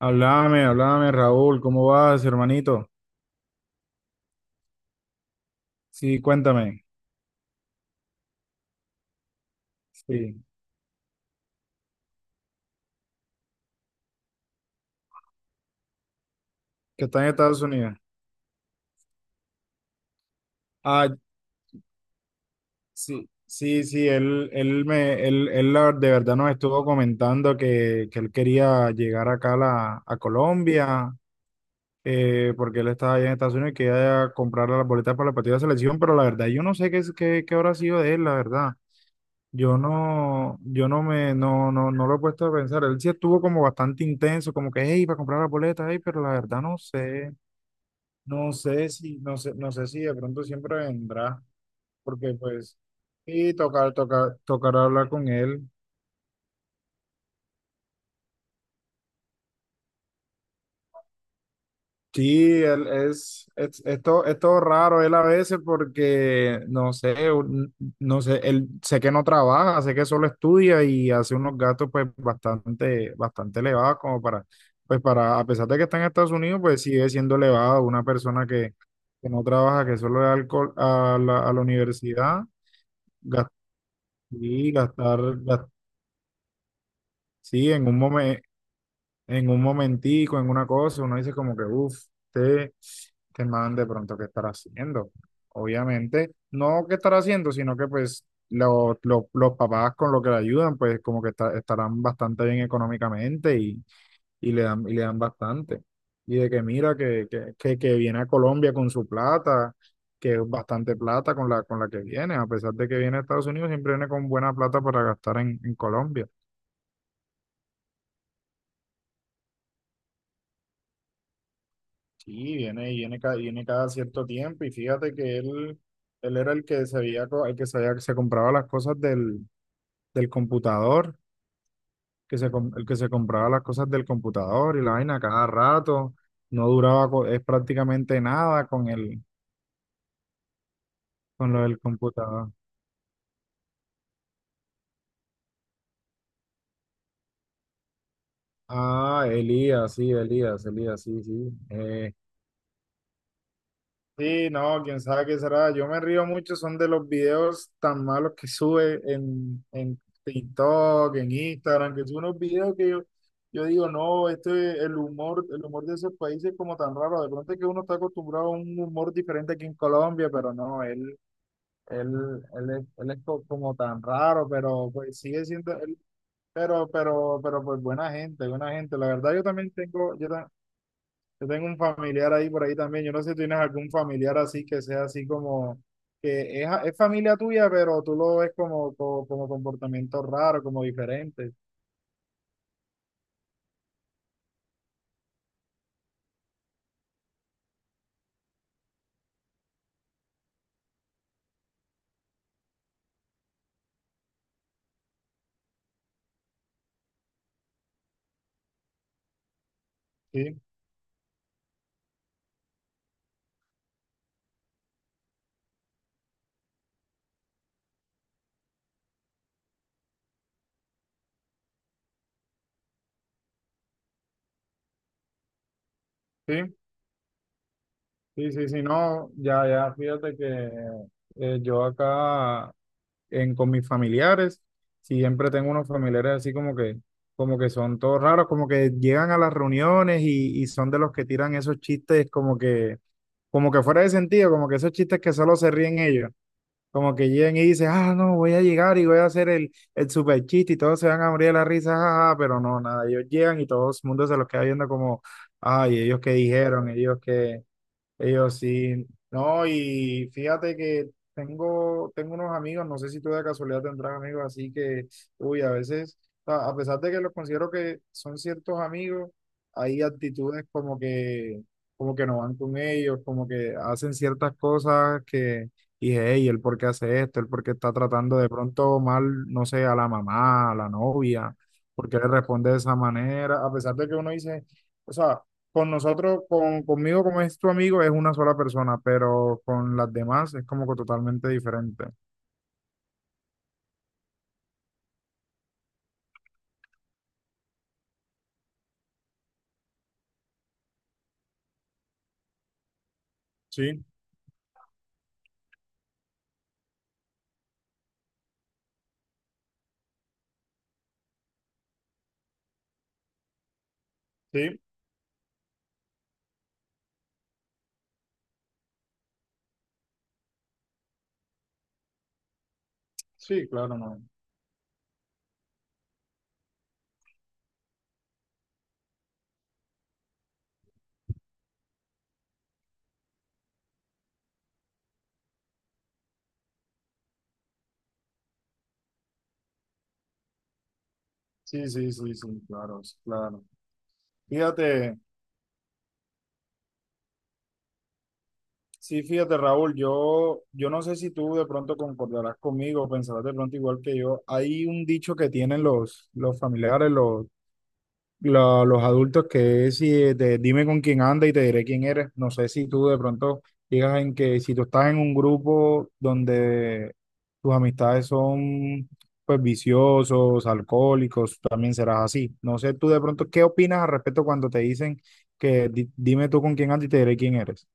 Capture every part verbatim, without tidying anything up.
Háblame, háblame, Raúl, ¿cómo vas, hermanito? Sí, cuéntame. Sí, que está en Estados Unidos. Ah, sí, sí, sí, él, él me, él, él la- de verdad nos estuvo comentando que, que él quería llegar acá a, la, a Colombia, eh, porque él estaba allá en Estados Unidos y quería comprar las boletas para la partida de selección, pero la verdad, yo no sé qué, es- qué, qué habrá sido de él, la verdad. Yo no, yo no me, no, no, No lo he puesto a pensar. Él sí estuvo como bastante intenso, como que, hey, para comprar la boleta, hey, pero la verdad no sé, no sé si, no sé, no sé si de pronto siempre vendrá, porque pues, y tocar, tocar, tocar hablar con él. Sí, él es, es, es todo, es todo raro él a veces porque, no sé, un- no sé, él sé que no trabaja, sé que solo estudia y hace unos gastos pues bastante, bastante elevados como para, pues para, a pesar de que está en Estados Unidos, pues sigue siendo elevado una persona que, que no trabaja, que solo da alcohol a la, a la universidad, gastar, gastar, gas- sí, en un momento, en un momentico, en una cosa, uno dice como que, uff, te te man de pronto, ¿qué estará haciendo? Obviamente, no qué estará haciendo, sino que pues lo- lo- los papás con lo que le ayudan, pues como que está- estarán bastante bien económicamente y, y le dan, y le dan bastante. Y de que mira, que, que, que, que viene a Colombia con su plata, que es bastante plata con la, con la que viene, a pesar de que viene a Estados Unidos, siempre viene con buena plata para gastar en, en Colombia. Sí, viene, viene, ca- viene cada cierto tiempo y fíjate que él, él era el que se había, co- el que se había- se compraba las cosas del, del computador, que se, com- el que se compraba las cosas del computador y la vaina cada rato, no duraba co- es prácticamente nada con el, con lo del computador. Ah, Elías, sí, Elías, Elías, sí, sí, eh, sí, no, quién sabe qué será. Yo me río mucho, son de los videos tan malos que sube en, en TikTok, en Instagram, que son unos videos que yo, yo digo, no, este, el humor, el humor de esos países es como tan raro. De pronto es que uno está acostumbrado a un humor diferente aquí en Colombia, pero no, él, él, él, es, él es co- como tan raro, pero pues sigue siendo, él, pero, pero, pero pues buena gente, buena gente. La verdad yo también tengo, yo, yo tengo un familiar ahí por ahí también. Yo no sé si tienes algún familiar así que sea así como que es, es familia tuya, pero tú lo ves como, como, como comportamiento raro, como diferente. Sí, sí, sí, sí, sí, no, ya, ya, fíjate que eh, yo acá en, con mis familiares siempre tengo unos familiares así como que, como que son todos raros, como que llegan a las reuniones y, y son de los que tiran esos chistes como que, como que fuera de sentido, como que esos chistes que solo se ríen ellos. Como que llegan y dicen, ah, no, voy a llegar y voy a hacer el, el super chiste y todos se van a morir de la risa, jaja, pero no, nada, ellos llegan y todo el mundo se los queda viendo como, ay, ellos qué dijeron, ellos qué. Ellos sí. No, y fíjate que tengo, tengo unos amigos, no sé si tú de casualidad tendrás amigos, así que, uy, a veces, a a pesar de que los considero que son ciertos amigos, hay actitudes como que, como que no van con ellos, como que hacen ciertas cosas que dije, hey, ¿el por qué hace esto? ¿El por qué está tratando de pronto mal, no sé, a la mamá, a la novia? ¿Por qué le responde de esa manera? A pesar de que uno dice... O sea, con nosotros, con, conmigo como es tu amigo, es una sola persona, pero con las demás es como que totalmente diferente. Sí, sí, sí, claro, no. Sí, sí, sí, sí, claro, sí, claro. Fíjate, sí, fíjate, Raúl, yo, yo no sé si tú de pronto concordarás conmigo, pensarás de pronto igual que yo. Hay un dicho que tienen los, los familiares, los, la- los adultos que es si de, dime con quién anda y te diré quién eres. No sé si tú de pronto digas en que si tú estás en un grupo donde tus amistades son pues viciosos, alcohólicos, también serás así. No sé tú de pronto qué opinas al respecto cuando te dicen que di- dime tú con quién andas y te diré quién eres.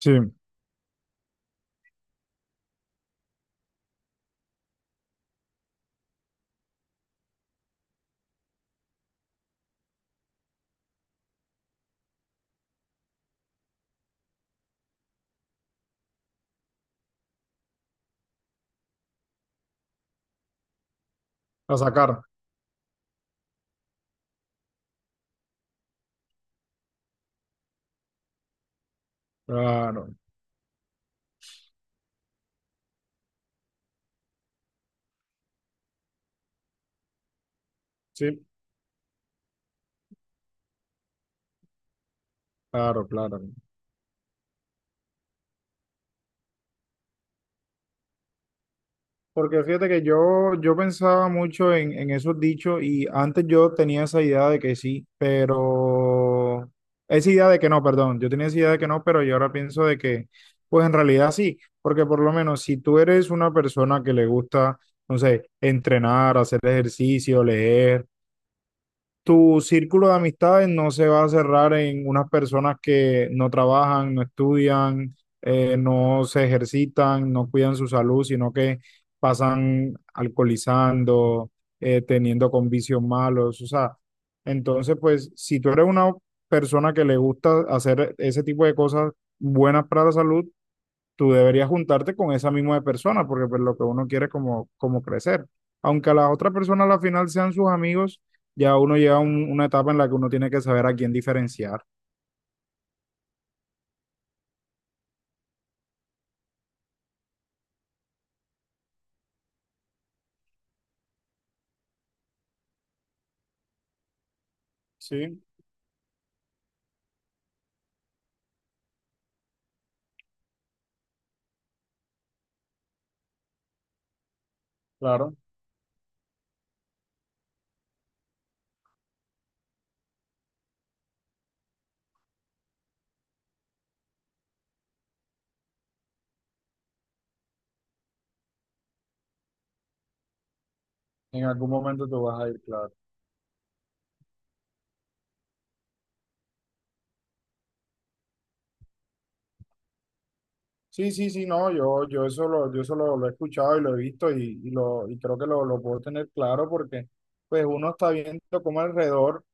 Sí, a sacar. Claro, sí, claro, claro. Porque fíjate que yo, yo pensaba mucho en, en esos dichos y antes yo tenía esa idea de que sí, pero esa idea de que no, perdón, yo tenía esa idea de que no, pero yo ahora pienso de que, pues en realidad sí, porque por lo menos si tú eres una persona que le gusta, no sé, entrenar, hacer ejercicio, leer tu círculo de amistades no se va a cerrar en unas personas que no trabajan, no estudian, eh, no se ejercitan, no cuidan su salud, sino que pasan alcoholizando, eh, teniendo con vicios malos. O sea, entonces, pues, si tú eres una persona que le gusta hacer ese tipo de cosas buenas para la salud, tú deberías juntarte con esa misma persona, porque pues lo que uno quiere es como, como crecer. Aunque a la otra persona a la final sean sus amigos, ya uno llega a un- una etapa en la que uno tiene que saber a quién diferenciar. Sí, claro. En algún momento tú vas a ir, claro. Sí, sí, sí, no, yo, yo eso lo, yo eso lo, lo he escuchado y lo he visto y, y lo, y creo que lo, lo puedo tener claro porque pues uno está viendo cómo alrededor.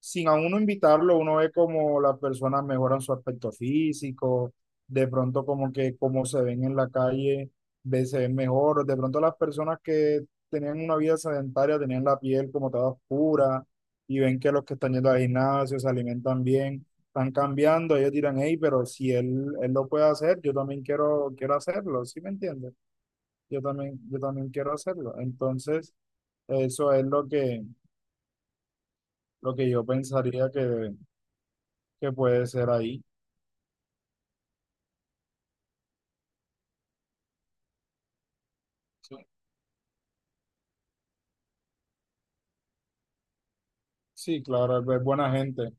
Sin a uno invitarlo, uno ve como las personas mejoran su aspecto físico, de pronto como que como se ven en la calle, ve- se ven mejor, de pronto las personas que tenían una vida sedentaria tenían la piel como toda oscura y ven que los que están yendo al gimnasio se alimentan bien, están cambiando, ellos dirán, hey, pero si él, él lo puede hacer, yo también quiero, quiero hacerlo, ¿sí me entiendes? Yo también, yo también quiero hacerlo. Entonces, eso es lo que, lo que yo pensaría que que puede ser ahí. Sí, sí, claro, es es buena gente.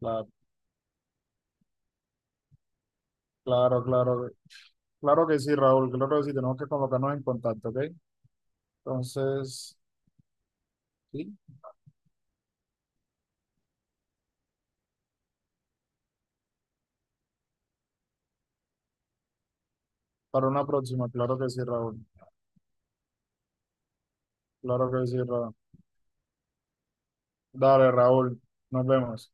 La- Claro, claro, claro que sí, Raúl, claro que sí, tenemos que colocarnos en contacto, ¿ok? Entonces, sí, para una próxima, claro que sí, Raúl, claro que sí, Raúl. Dale, Raúl, nos vemos.